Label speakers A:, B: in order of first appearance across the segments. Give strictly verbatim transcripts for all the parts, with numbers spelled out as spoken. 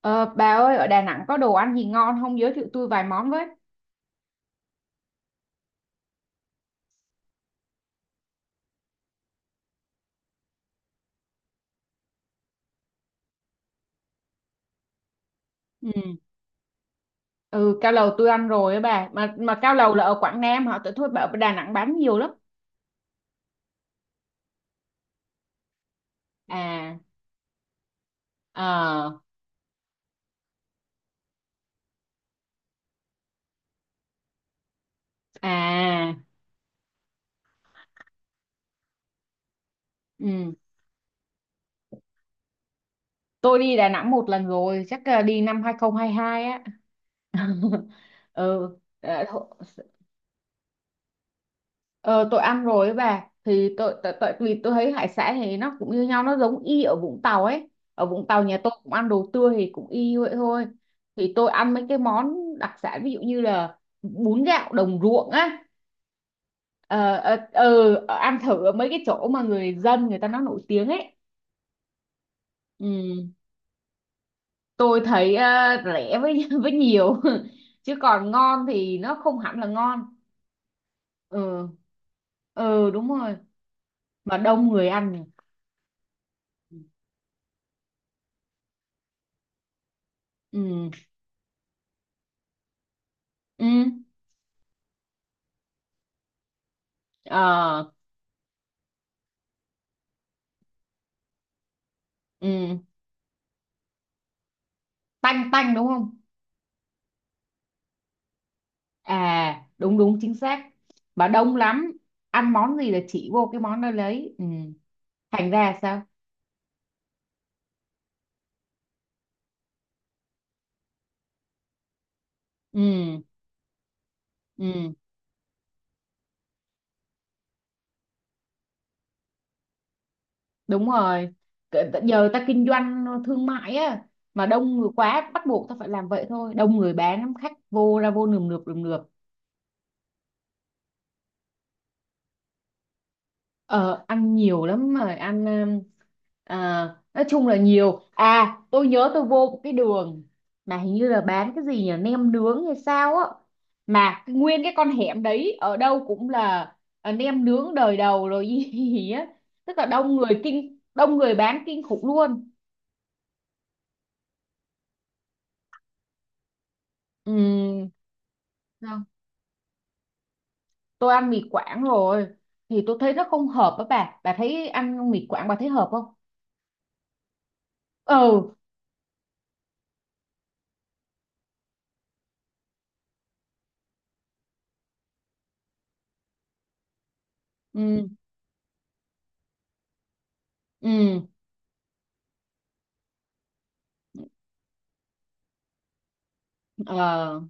A: Ờ, bà ơi, ở Đà Nẵng có đồ ăn gì ngon không, giới thiệu tôi vài món với. Ừ. Ừ, cao lầu tôi ăn rồi á bà, mà mà cao lầu là ở Quảng Nam hả, tại thôi bà ở Đà Nẵng bán nhiều lắm. À. Ờ. À. Ừ, tôi đi Đà Nẵng một lần rồi, chắc là đi năm hai không hai hai á. Ừ. Ờ, thôi. Ờ, tôi ăn rồi ấy bà, thì tôi tại tại vì tôi thấy hải sản thì nó cũng như nhau, nó giống y ở Vũng Tàu ấy. Ở Vũng Tàu nhà tôi cũng ăn đồ tươi thì cũng y vậy thôi. Thì tôi ăn mấy cái món đặc sản, ví dụ như là bún gạo đồng ruộng á. ờ, ờ, ờ, ờ, Ăn thử ở mấy cái chỗ mà người dân người ta nó nổi tiếng ấy. Ừ, tôi thấy ờ, rẻ với với nhiều. Chứ còn ngon thì nó không hẳn là ngon. Ừ. Ừ, đúng rồi. Mà đông người ăn nhỉ? Ừ. Ừ. Ờ. Ừ. Tanh tanh đúng không. À, đúng đúng, chính xác. Mà đông lắm. Ăn món gì là chỉ vô cái món đó lấy. Ừ. Thành ra sao. Ừ. Ừ, đúng rồi. Cỡ- giờ ta kinh doanh thương mại á, mà đông người quá bắt buộc ta phải làm vậy thôi, đông người bán lắm, khách vô ra vô nườm nượp nườm nượp. Ờ, ăn nhiều lắm rồi, ăn um, à, nói chung là nhiều. À, tôi nhớ tôi vô một cái đường mà hình như là bán cái gì nhỉ, nem nướng hay sao á, mà cái- nguyên cái con hẻm đấy ở đâu cũng là à, nem nướng đời đầu rồi gì, gì á, tức là đông người kinh, đông người bán kinh khủng luôn. Ừm, Vâng. Tôi ăn mì Quảng rồi, thì tôi thấy nó không hợp với bà bà thấy ăn mì Quảng bà thấy hợp không. Ừ. Ừ. Ừ.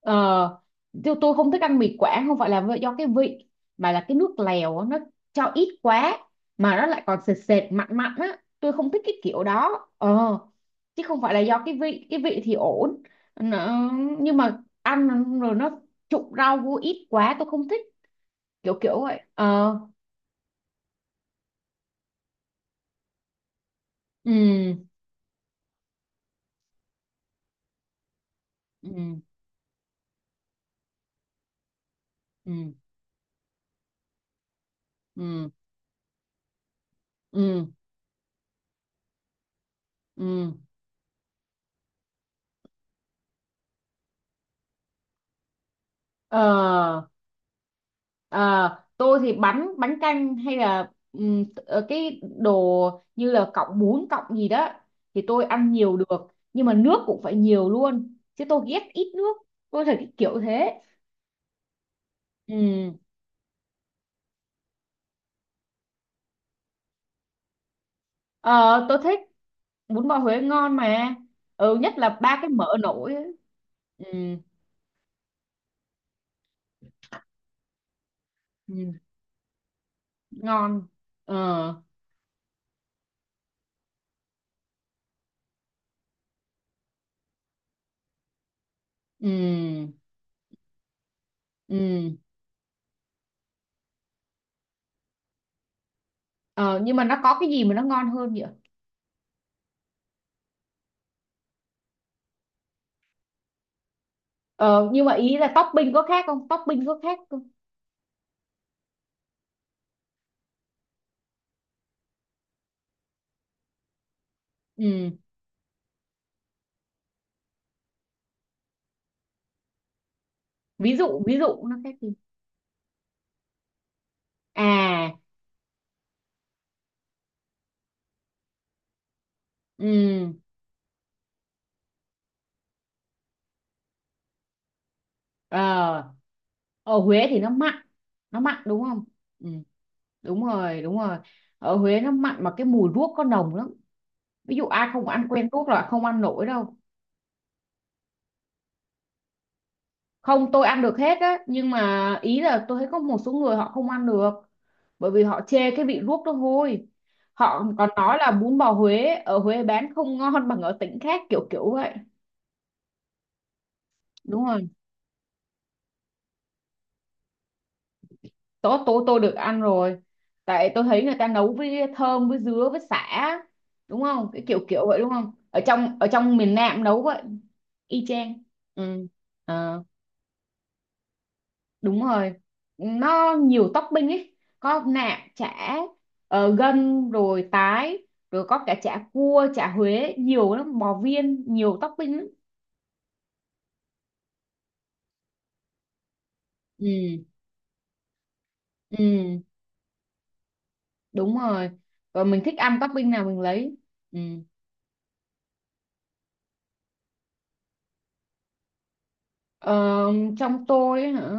A: Ờ, tôi, tôi không thích ăn mì Quảng không phải là vì- do cái vị, mà là cái nước lèo á, nó cho ít quá, mà nó lại còn sệt sệt mặn mặn á, tôi không thích cái kiểu đó. Ờ, chứ không phải là do cái vị, cái vị thì ổn. Nó, nhưng mà ăn rồi nó trụng rau vô ít quá tôi không thích, kiểu kiểu vậy. Ờ. Ừ. Ừ. Ừ. Ừ. Ừ. Ừ. Ờ. Ờ, tôi thì bánh bánh canh hay là ừm, ờ, cái đồ như là cọng bún cọng gì đó thì tôi ăn nhiều được, nhưng mà nước cũng phải nhiều luôn chứ, tôi ghét ít nước. Tôi thấy cái kiểu thế. Ừ. Ờ, tôi thích, bún bò Huế ngon mà. Ừ, nhất là ba cái mỡ nổi ấy. Ừ. Ừ. Ngon. Ờ. Ừ. Ừ. Ờ, nhưng mà nó có cái gì mà nó ngon hơn vậy? Ờ, nhưng mà ý là topping có khác không, topping có khác không? Ừ. Ví dụ ví dụ nó sẽ gì? À. Ừ. Ờ. Ở Huế thì nó mặn, nó mặn đúng không? Ừ, đúng rồi đúng rồi. Ở Huế nó mặn mà cái mùi ruốc có nồng lắm, ví dụ ai không ăn quen ruốc là không ăn nổi đâu. Không, tôi ăn được hết á, nhưng mà ý là tôi thấy có một số người họ không ăn được, bởi vì họ chê cái vị ruốc nó hôi. Họ còn nói là bún bò Huế ở Huế bán không ngon bằng ở tỉnh khác, kiểu kiểu vậy. Đúng rồi, tôi tôi tôi được ăn rồi. Tại tôi thấy người ta nấu với thơm, với dứa, với sả, đúng không, cái kiểu kiểu vậy đúng không, ở trong ở trong miền Nam nấu vậy. Y chang. Ừ. Ờ. Đúng rồi, nó nhiều topping ấy, có nạm, chả. Ờ, gân, rồi tái, rồi có cả chả cua, chả Huế nhiều lắm, bò viên, nhiều topping lắm. Ừ. Ừ. Đúng rồi, rồi mình thích ăn topping nào mình lấy. Ừ. Ờ, trong tôi ấy hả,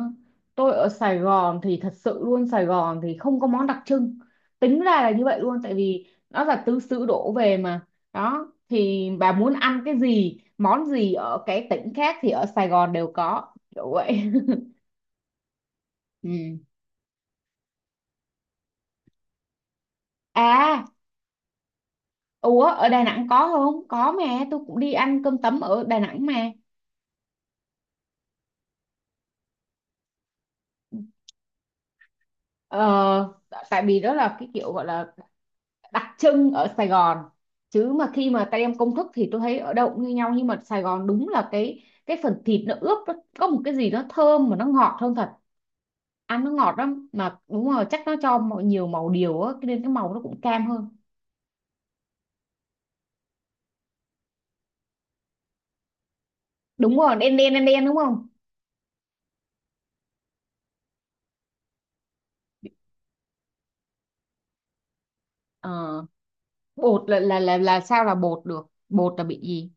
A: tôi ở Sài Gòn thì thật sự luôn, Sài Gòn thì không có món đặc trưng, tính ra là như vậy luôn, tại vì nó là tứ xứ đổ về mà. Đó thì bà muốn ăn cái gì, món gì ở cái tỉnh khác thì ở Sài Gòn đều có, kiểu vậy. Ừ. À. Ủa, ở Đà Nẵng có không, có mà, tôi cũng đi ăn cơm tấm ở Đà Nẵng mà. Ờ, tại vì đó là cái kiểu gọi là đặc trưng ở Sài Gòn, chứ mà khi mà tay em công thức thì tôi thấy ở đâu cũng như nhau, nhưng mà Sài Gòn đúng là cái cái phần thịt nó ướp, nó có một cái gì nó thơm mà nó ngọt hơn thật. Ăn nó ngọt lắm mà, đúng rồi, chắc nó cho mọi- nhiều màu điều á, cho nên cái màu nó cũng cam hơn. Đúng rồi, đen đen đen đen đúng không. Ờ, bột là là là là sao, là bột được, bột là bị gì?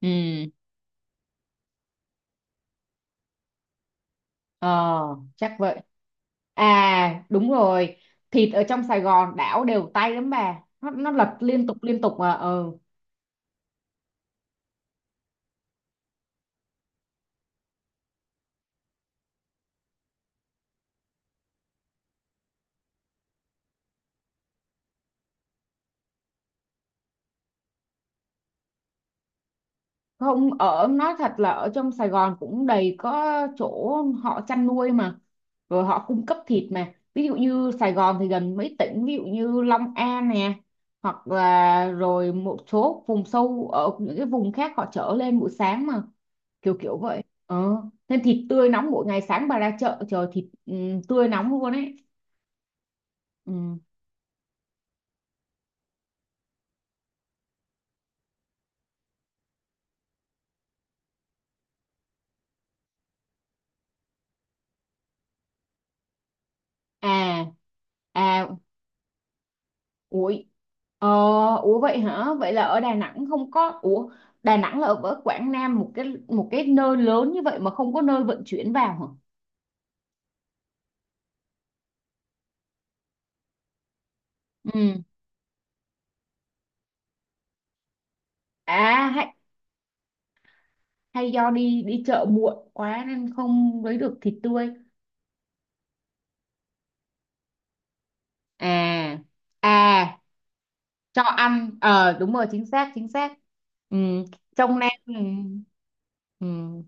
A: Ừ. Ờ, chắc vậy. À, đúng rồi. Thịt ở trong Sài Gòn đảo đều tay lắm bà. Nó, nó lật liên tục liên tục mà. Ờ. Không, ở nói thật là ở trong Sài Gòn cũng đầy có chỗ họ chăn nuôi mà, rồi họ cung cấp thịt mà, ví dụ như Sài Gòn thì gần mấy tỉnh, ví dụ như Long An nè, hoặc là rồi một số vùng sâu ở những cái vùng khác họ chở lên buổi sáng mà, kiểu kiểu vậy. Ờ. Nên thịt tươi nóng mỗi ngày, sáng bà ra chợ chờ thịt, ừ, tươi nóng luôn ấy. Ừ. À. À. Ủi. Ờ. Ủa vậy hả? Vậy là ở Đà Nẵng không có, ủa, Đà Nẵng là ở ở Quảng Nam, một cái, một cái nơi lớn như vậy mà không có nơi vận chuyển vào hả? Ừ. À hay, hay do đi đi chợ muộn quá nên không lấy được thịt tươi. À. À, cho ăn, ờ, đúng rồi, chính xác chính xác. Ừ, trong Nam. Ừ. Ừ.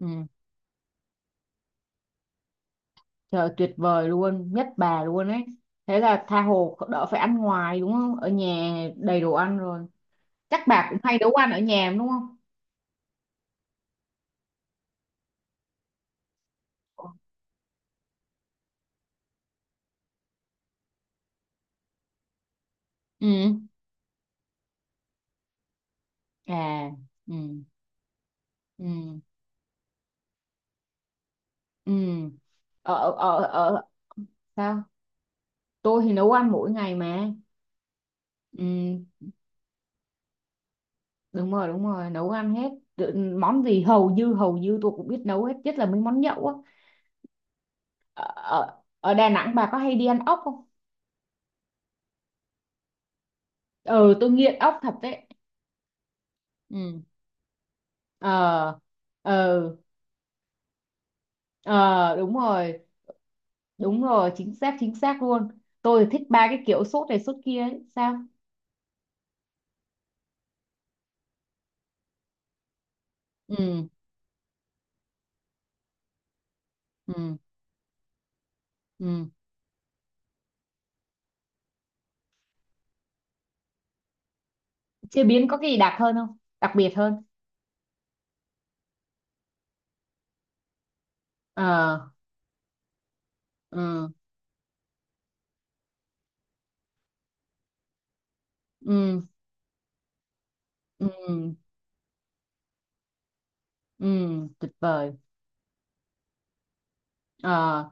A: Ừ. Trời tuyệt vời luôn, nhất bà luôn ấy. Thế là tha hồ đỡ phải ăn ngoài đúng không? Ở nhà đầy đồ ăn rồi. Chắc bà cũng hay nấu ăn ở nhà đúng không? Ừ. À. Ừ. Ừ. Ừ. Ở ở ở sao? Tôi thì nấu ăn mỗi ngày mà. Ừ. Đúng rồi, đúng rồi, nấu ăn hết. Tự- món gì hầu như hầu như tôi cũng biết nấu hết, nhất là mấy món nhậu á. Ở, ở ở Đà Nẵng bà có hay đi ăn ốc không? Ừ, tôi nghiện ốc thật đấy. Ừ. Ờ. Ờ. Ờ, đúng rồi. Đúng rồi, chính xác chính xác luôn. Tôi thích ba cái kiểu sốt này sốt kia ấy. Sao? Ừ. Ừ. Ừ. Chế biến có cái gì đặc hơn không, đặc biệt hơn? Ờ. Ừ. Ừ. Ừ. Ừ. Tuyệt vời. Ờ,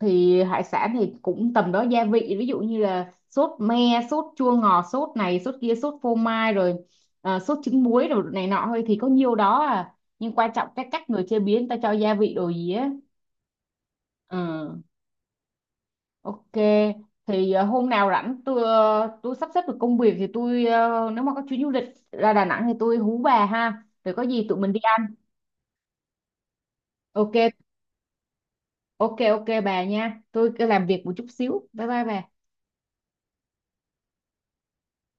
A: thì hải sản thì cũng tầm đó gia vị, ví dụ như là sốt me, sốt chua ngọt, sốt này sốt kia, sốt phô mai rồi, ờ, sốt trứng muối, rồi này nọ thôi, thì có nhiều đó à, nhưng quan trọng cái cách người chế biến ta cho gia vị đồ gì á. Ừ. Ok, thì ờ, hôm nào rảnh tôi, ờ, tôi sắp xếp được công việc thì tôi, ờ, nếu mà có chuyến du lịch ra Đà Nẵng thì tôi hú bà ha. Rồi có gì tụi mình đi ăn. Ok, ok ok bà nha. Tôi cứ làm việc một chút xíu. Bye bye bà.